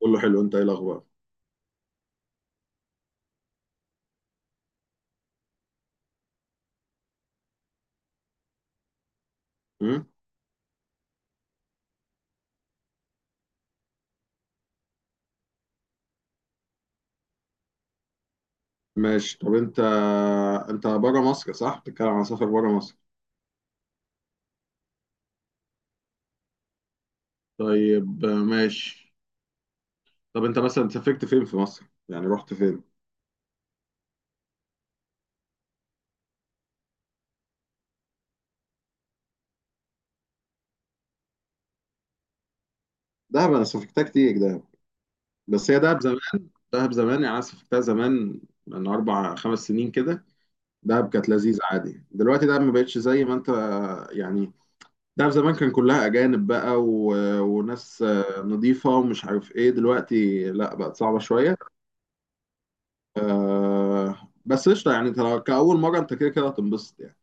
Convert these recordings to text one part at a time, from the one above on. كله حلو. انت ايه الاخبار؟ مم؟ ماشي، طب انت، انت بره مصر، صح؟ بتتكلم عن سفر بره مصر؟ طيب، ماشي. طب انت مثلا سافرت فين في مصر؟ يعني رحت فين؟ دهب، انا سافرتها كتير دهب. بس هي دهب زمان. دهب زمان، يعني انا سافرتها زمان من 4 5 سنين كده. دهب كانت لذيذه عادي. دلوقتي دهب ما بقتش زي ما انت، يعني دهب زمان كان كلها اجانب بقى وناس نضيفه ومش عارف ايه. دلوقتي لا، بقت صعبه شويه. آه، بس قشطه يعني، انت كأول مرة انت كده كده هتنبسط يعني.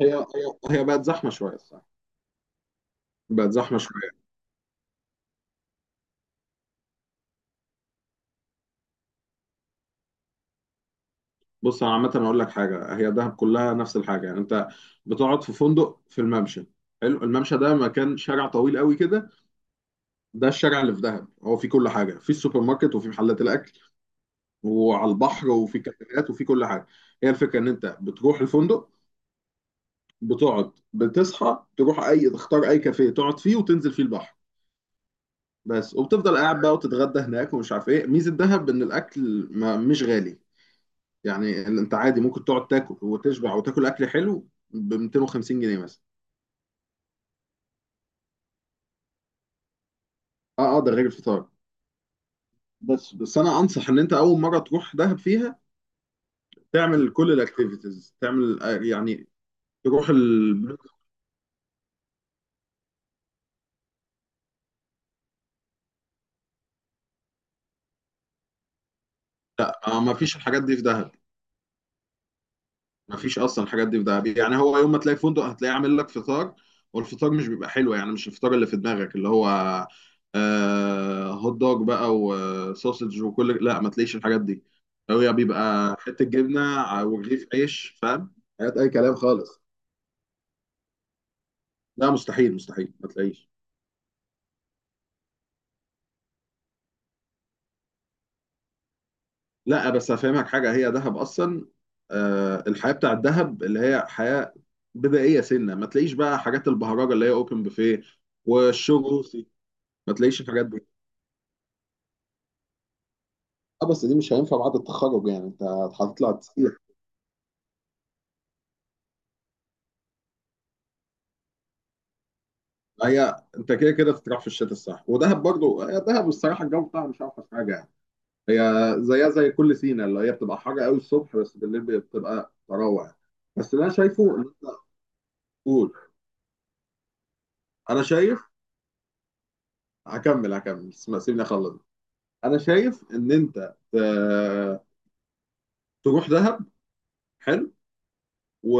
هي هي هي بقت زحمة شوية، الصراحة. بقت زحمة شوية. بص، انا عامة اقول لك حاجة، هي دهب كلها نفس الحاجة، يعني انت بتقعد في فندق في الممشى. حلو، الممشى ده مكان، شارع طويل قوي كده. ده الشارع اللي في دهب، هو فيه كل حاجة، فيه السوبر ماركت وفيه محلات الاكل وعلى البحر وفيه كافيهات وفيه كل حاجة. هي الفكرة ان انت بتروح الفندق، بتقعد، بتصحى تروح، تختار اي كافيه تقعد فيه وتنزل فيه البحر. بس، وبتفضل قاعد بقى وتتغدى هناك ومش عارف ايه. ميزه دهب ان الاكل ما مش غالي، يعني انت عادي ممكن تقعد تاكل وتشبع وتاكل اكل حلو ب 250 جنيه مثلا. اه، اه، ده غير الفطار. بس انا انصح ان انت اول مره تروح دهب فيها تعمل كل الاكتيفيتيز، تعمل، يعني تروح ال... ما فيش الحاجات دي في دهب. مفيش اصلا الحاجات دي في دهب، يعني هو يوم ما تلاقي فندق هتلاقيه عامل لك فطار، والفطار مش بيبقى حلو، يعني مش الفطار اللي في دماغك اللي هو هوت دوج بقى وسوسج لا، ما تلاقيش الحاجات دي. هو بيبقى حته جبنه ورغيف عيش، فاهم. حاجات اي كلام خالص. لا، مستحيل، مستحيل، ما تلاقيش. لا بس هفهمك حاجه، هي دهب اصلا، الحياه بتاعت دهب اللي هي حياه بدائيه. سنه ما تلاقيش بقى حاجات البهرجه اللي هي اوبن بوفيه والشو روسي. ما تلاقيش الحاجات دي. اه، بس دي مش هينفع بعد التخرج، يعني انت هتطلع تسيح. هي انت كده كده تروح في الشتاء، الصح ودهب برضو، هي دهب الصراحه الجو بتاعها مش اوحش حاجه يعني. هي زيها زي كل سينا اللي هي بتبقى حر قوي الصبح، بس بالليل بتبقى تروع. بس اللي انا شايفه ان انت. قول. انا شايف. هكمل، هكمل، سيبني اخلص. انا شايف ان انت، تروح دهب. حلو. و...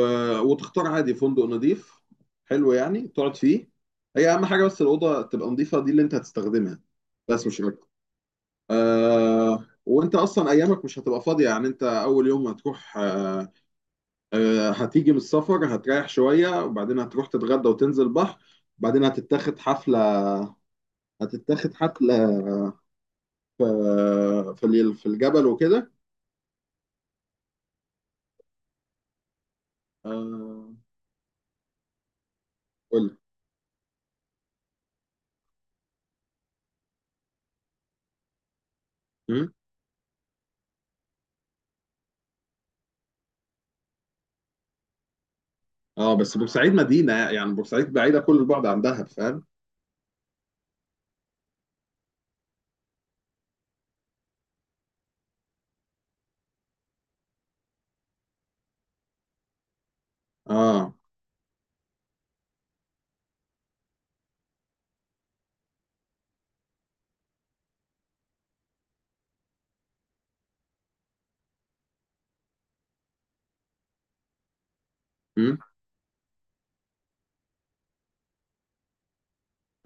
وتختار عادي فندق نظيف. حلو، يعني تقعد فيه. هي اهم حاجه بس الاوضه تبقى نظيفه، دي اللي انت هتستخدمها. بس مش اكتر. وانت اصلا ايامك مش هتبقى فاضيه، يعني انت اول يوم هتروح. هتيجي من السفر، هتريح شويه وبعدين هتروح تتغدى وتنزل بحر، بعدين هتتاخد حفله. هتتاخد حفله في في الجبل وكده. آه، قول لي. م؟ اه، بس بورسعيد مدينه، يعني بورسعيد بعيده كل البعد عن دهب، فاهم. اه،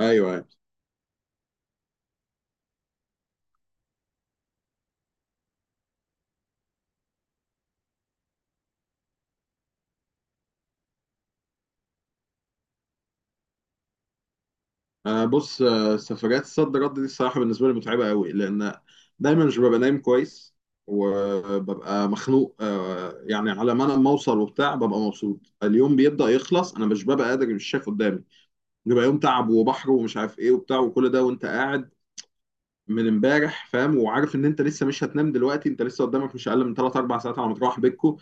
ايوه. انا بص، سفريات الصد رد دي الصراحه بالنسبه لي متعبه قوي لان دايما مش ببقى نايم كويس. وببقى مخنوق، يعني على ما انا ما اوصل وبتاع ببقى مبسوط، اليوم بيبدا يخلص، انا مش ببقى قادر، مش شايف قدامي. بيبقى يوم تعب وبحر ومش عارف ايه وبتاع، وكل ده وانت قاعد من امبارح، فاهم، وعارف ان انت لسه مش هتنام دلوقتي، انت لسه قدامك مش اقل من 3 4 ساعات على ما تروح بيتكو،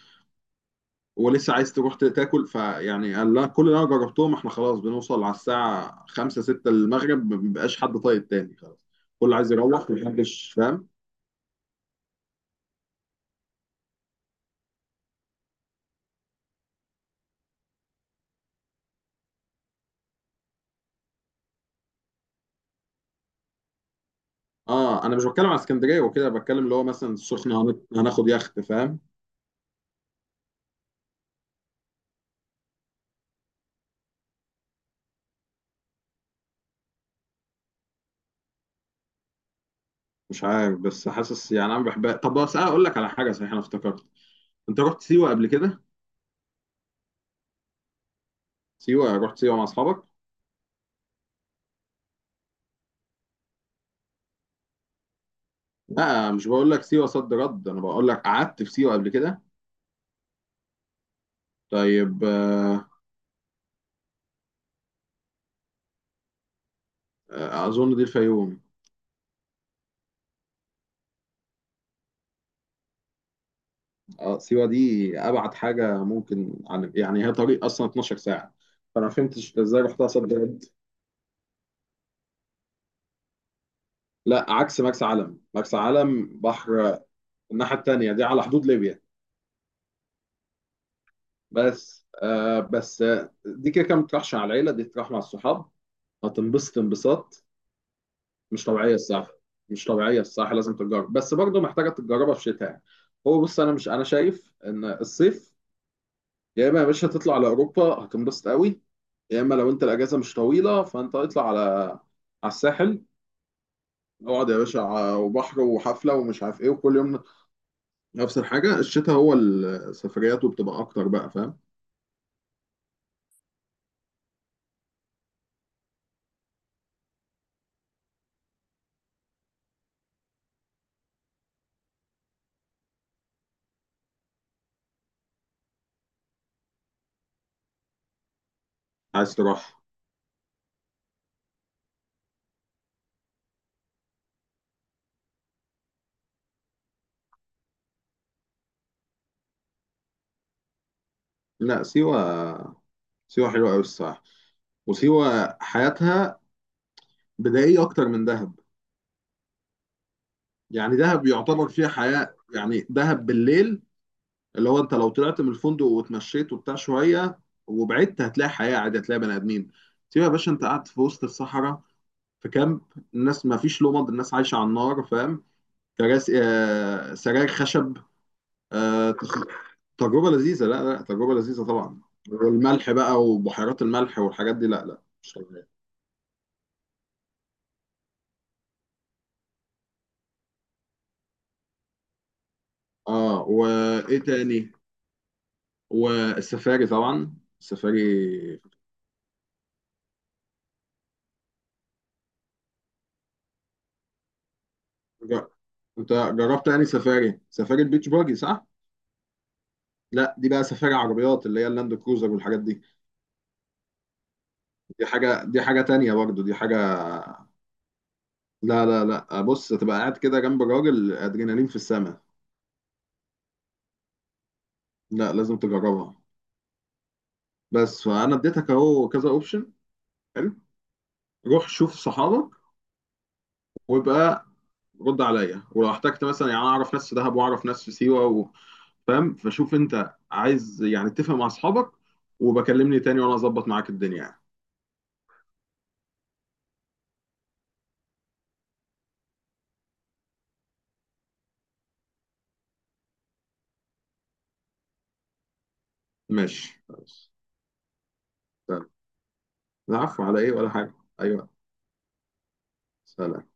ولسه عايز تروح تاكل، فيعني قال لا، كل اللي انا جربتهم احنا خلاص بنوصل على الساعه 5 6 المغرب، ما بيبقاش حد طايق تاني، خلاص. كله عايز يروح، محدش فاهم. اه، انا مش بتكلم على اسكندريه وكده، بتكلم اللي هو مثلا السخنه، هناخد يخت، فاهم. مش عارف بس حاسس، يعني انا بحبها. طب بس أنا اقول لك على حاجه، صحيح انا افتكرت، انت رحت سيوه قبل كده؟ سيوه، رحت سيوه مع اصحابك؟ لا، مش بقول لك سيوه صد رد، انا بقول لك قعدت في سيوه قبل كده؟ طيب، آه. آه، اظن دي الفيوم. اه، سيوة دي ابعد حاجة ممكن عن، يعني هي طريق اصلا 12 ساعة، فانا ما فهمتش ازاي رحتها صد رد. لا، عكس مرسى علم، مرسى علم بحر. الناحية التانية دي على حدود ليبيا. بس دي كده كده ما بتروحش مع العيلة، دي تروح مع الصحاب، هتنبسط انبساط. مش طبيعية الصراحة. مش طبيعية الصراحة، لازم تتجرب، بس برضه محتاجة تتجربها في شتاء. هو بص، انا مش انا شايف ان الصيف، يا اما يا باشا تطلع على اوروبا هتنبسط قوي، يا اما لو انت الاجازه مش طويله فانت اطلع على على الساحل. اقعد يا باشا، وبحر وحفله ومش عارف ايه وكل يوم نفس الحاجه. الشتاء هو السفريات، وبتبقى اكتر بقى، فاهم. عايز تروح. لا، سيوه. سيوه حلوه قوي الصراحه. وسيوه حياتها بدائيه اكتر من دهب. يعني دهب يعتبر فيها حياه، يعني دهب بالليل، اللي هو انت لو طلعت من الفندق واتمشيت وبتاع شويه وبعدت هتلاقي حياه عادي، هتلاقي بني ادمين. تيجي يا باشا، انت قاعد في وسط الصحراء، في كامب، الناس ما فيش لمض، الناس عايشه على النار، فاهم. كراسي، سراير خشب. آه، تخ- تجربه لذيذه. لا، لا، تجربه لذيذه طبعا. والملح بقى وبحيرات الملح والحاجات دي، لا لا مش طبيعي. اه، وايه تاني، والسفاري، طبعا السفاري. جر- انت جربت يعني سفاري، سفاري البيتش باجي، صح؟ لا، دي بقى سفاري عربيات، اللي هي اللاند كروزر والحاجات دي. دي حاجة تانية برضه، دي حاجة. لا، لا، لا، بص، تبقى قاعد كده جنب راجل ادرينالين في السماء. لا، لازم تجربها. بس فانا اديتك اهو كذا اوبشن، حلو. روح شوف صحابك وابقى رد عليا، ولو احتجت مثلا يعني انا اعرف ناس في دهب واعرف ناس في سيوة فاهم، فشوف انت عايز يعني، اتفق مع اصحابك وبكلمني تاني وانا اظبط معاك الدنيا يعني. ماشي، خلاص. تمام. العفو، على ايه ولا حاجة. ايوه. سلام.